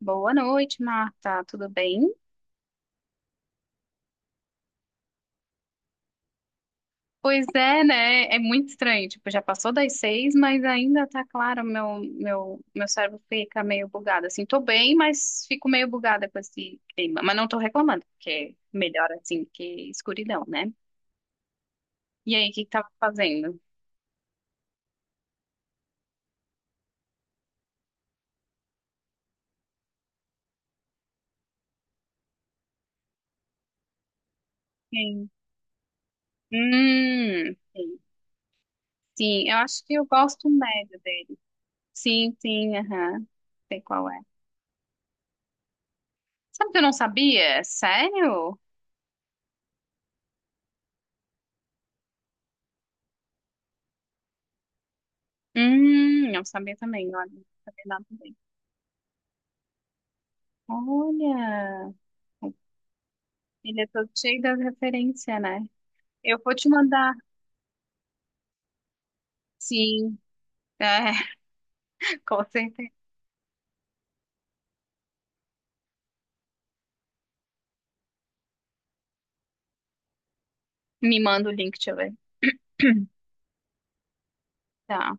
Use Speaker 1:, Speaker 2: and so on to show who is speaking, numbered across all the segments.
Speaker 1: Boa noite, Marta. Tudo bem? Pois é, né? É muito estranho. Tipo, já passou das seis, mas ainda tá claro. Meu cérebro fica meio bugado. Assim, tô bem, mas fico meio bugada com esse clima. Mas não tô reclamando, porque é melhor assim que escuridão, né? E aí, o que que tava fazendo? Sim. Sim. Sim, eu acho que eu gosto médio dele. Sim, sim, aham. Sei qual é. Sabe o que eu não sabia? Sério? Eu sabia também, olha. Não sabia nada. Olha, ele é todo cheio das referências, né? Eu vou te mandar. Sim, é, com certeza. Me manda o link, deixa eu ver. Tá.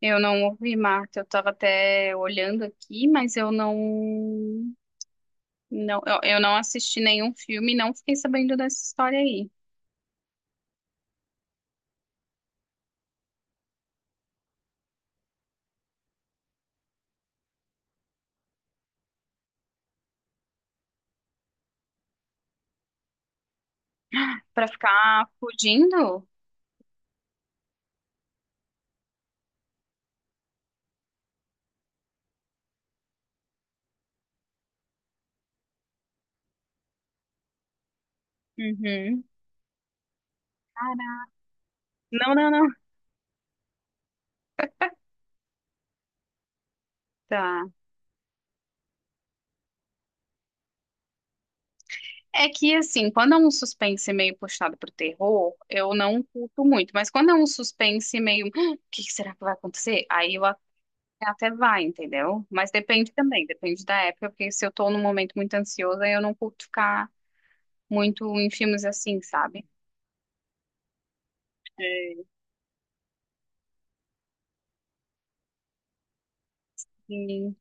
Speaker 1: Eu não ouvi, Marta. Eu tava até olhando aqui, mas eu não assisti nenhum filme, não fiquei sabendo dessa história aí. Pra ficar fugindo? Uhum. Não, não, não. Tá. É que, assim, quando é um suspense meio puxado pro terror, eu não curto muito. Mas quando é um suspense meio, "Ah, o que que será que vai acontecer?" Aí eu até vai, entendeu? Mas depende também, depende da época, porque se eu tô num momento muito ansiosa, eu não curto ficar muito em filmes assim, sabe? E-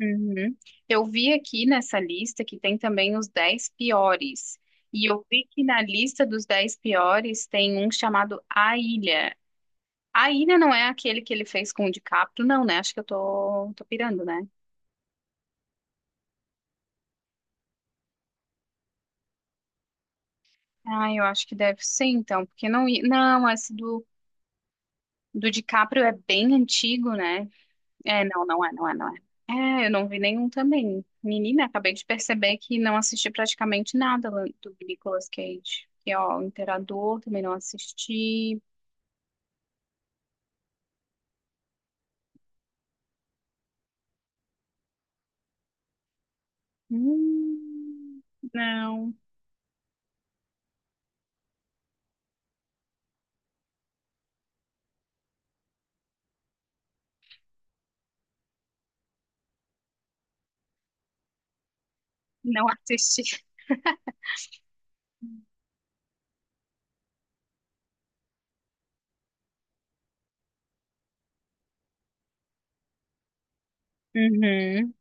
Speaker 1: Uhum. Eu vi aqui nessa lista que tem também os 10 piores. E eu vi que na lista dos 10 piores tem um chamado A Ilha. A Ilha não é aquele que ele fez com o DiCaprio, não, né? Acho que eu tô pirando, né? Ah, eu acho que deve ser, então, porque não... Não, esse do DiCaprio é bem antigo, né? É, não é. É, eu não vi nenhum também. Menina, acabei de perceber que não assisti praticamente nada lá do Nicolas Cage. E, ó, o Imperador também não assisti. Hum, não, não assisti. Uhum.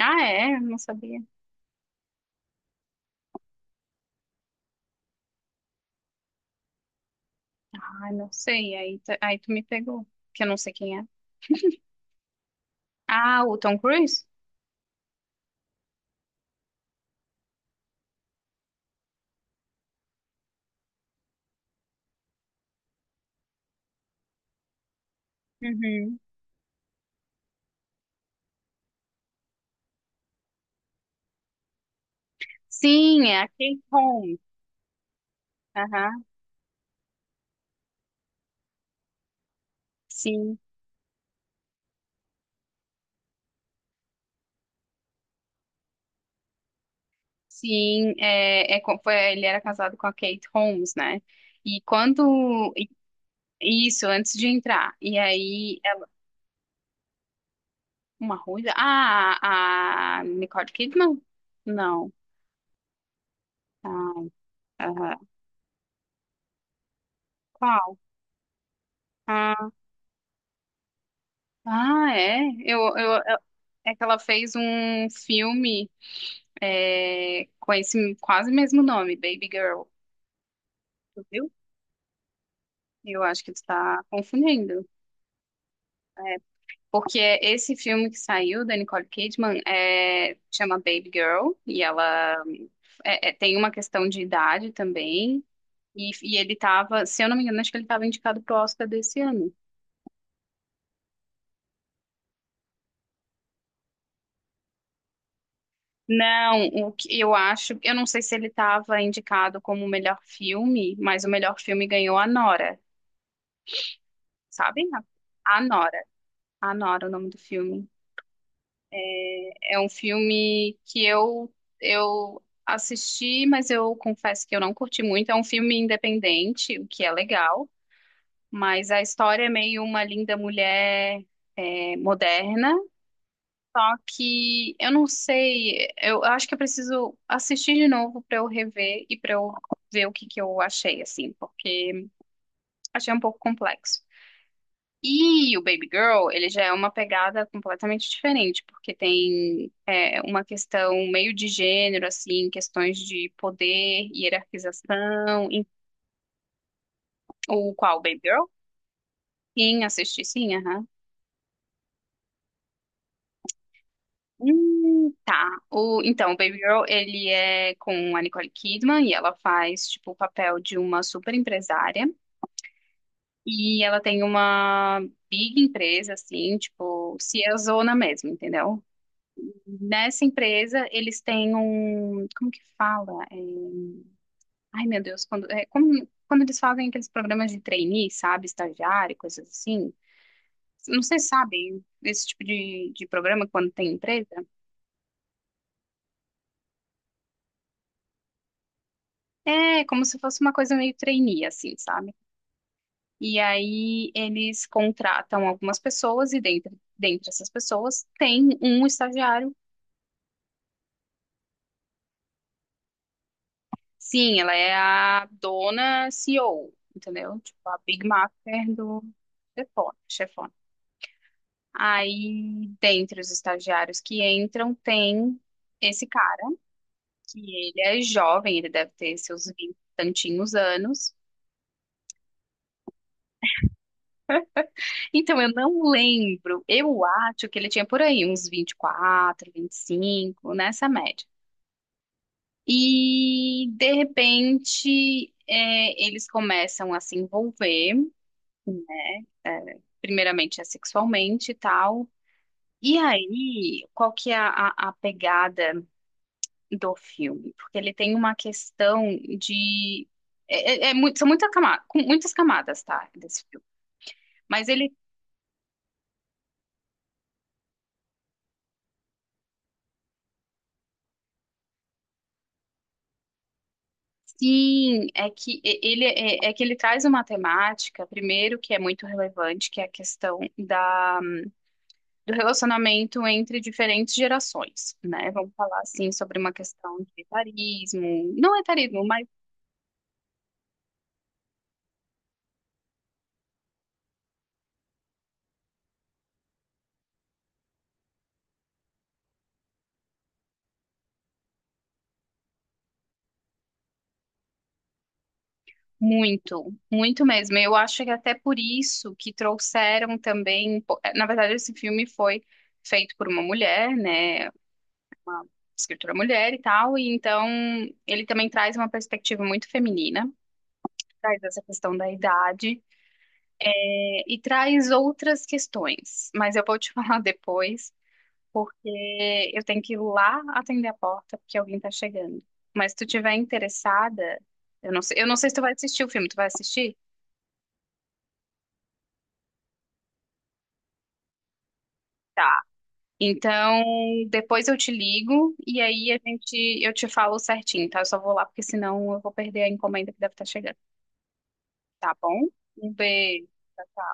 Speaker 1: Ah, é? Não sabia. Ai, não sei. Aí tu me pegou, que eu não sei quem é. Ah, o Tom Cruise? Uhum. Sim, é a Kate Holmes. Aham, sim, sim. É, é, foi, ele era casado com a Kate Holmes, né? E quando. e- Isso, antes de entrar. E aí, ela, uma ruiva. Ah, a Nicole Kidman? Não. Ah, aham. Qual? Ah, ah, é? Eu, eu, é que ela fez um filme é, com esse quase mesmo nome, Baby Girl. Tu viu? Eu acho que tu tá confundindo. Porque esse filme que saiu da Nicole Kidman é, chama Baby Girl e ela é, é, tem uma questão de idade também. E ele tava, se eu não me engano, acho que ele tava indicado pro Oscar desse ano. Não, o que eu acho, eu não sei se ele estava indicado como o melhor filme, mas o melhor filme ganhou a Nora, sabe? A Nora, a Nora, é o nome do filme. É um filme que eu assisti, mas eu confesso que eu não curti muito. É um filme independente, o que é legal, mas a história é meio uma linda mulher eh, moderna. Só que eu não sei, eu acho que eu preciso assistir de novo pra eu rever e pra eu ver o que que eu achei, assim, porque achei um pouco complexo. E o Baby Girl, ele já é uma pegada completamente diferente, porque tem é, uma questão meio de gênero, assim, questões de poder, hierarquização, o qual, Baby Girl? Sim, assisti, sim, aham. Tá. O, então, o Baby Girl, ele é com a Nicole Kidman e ela faz, tipo, o papel de uma super empresária. E ela tem uma big empresa, assim, tipo, se é zona mesmo, entendeu? Nessa empresa, eles têm um... Como que fala? É, ai, meu Deus, quando eles fazem aqueles programas de trainee, sabe? Estagiário, coisas assim. Não sei se sabem esse tipo de programa quando tem empresa. É, como se fosse uma coisa meio trainee, assim, sabe? E aí eles contratam algumas pessoas e dentre essas pessoas tem um estagiário. Sim, ela é a dona CEO, entendeu? Tipo, a Big Master do chefone, chefone. Aí, dentre os estagiários que entram, tem esse cara, que ele é jovem, ele deve ter seus vinte e tantinhos anos. Então, eu não lembro, eu acho que ele tinha por aí uns vinte e quatro, vinte e cinco nessa média. E de repente é, eles começam a se envolver, é, primeiramente é sexualmente e tal. E aí, qual que é a, a pegada do filme? Porque ele tem uma questão de. É muito- são com muitas camadas, tá? Desse filme. Mas ele sim, é que e- ele é é que ele traz uma temática, primeiro, que é muito relevante, que é a questão do relacionamento entre diferentes gerações, né? Vamos falar assim sobre uma questão de etarismo, não etarismo, mas muito, muito mesmo. Eu acho que até por isso que trouxeram também, na verdade, esse filme foi feito por uma mulher, né? Uma escritora mulher e tal, e então ele também traz uma perspectiva muito feminina. Traz essa questão da idade, eh, e traz outras questões, mas eu vou te falar depois porque eu tenho que ir lá atender a porta porque alguém tá chegando. Mas se tu tiver interessada, eu não sei se tu vai assistir o filme, tu vai assistir? Tá. Então, depois eu te ligo e aí a gente eu te falo certinho, tá? Eu só vou lá porque senão eu vou perder a encomenda que deve estar chegando, tá bom? Um beijo. Tchau, tchau.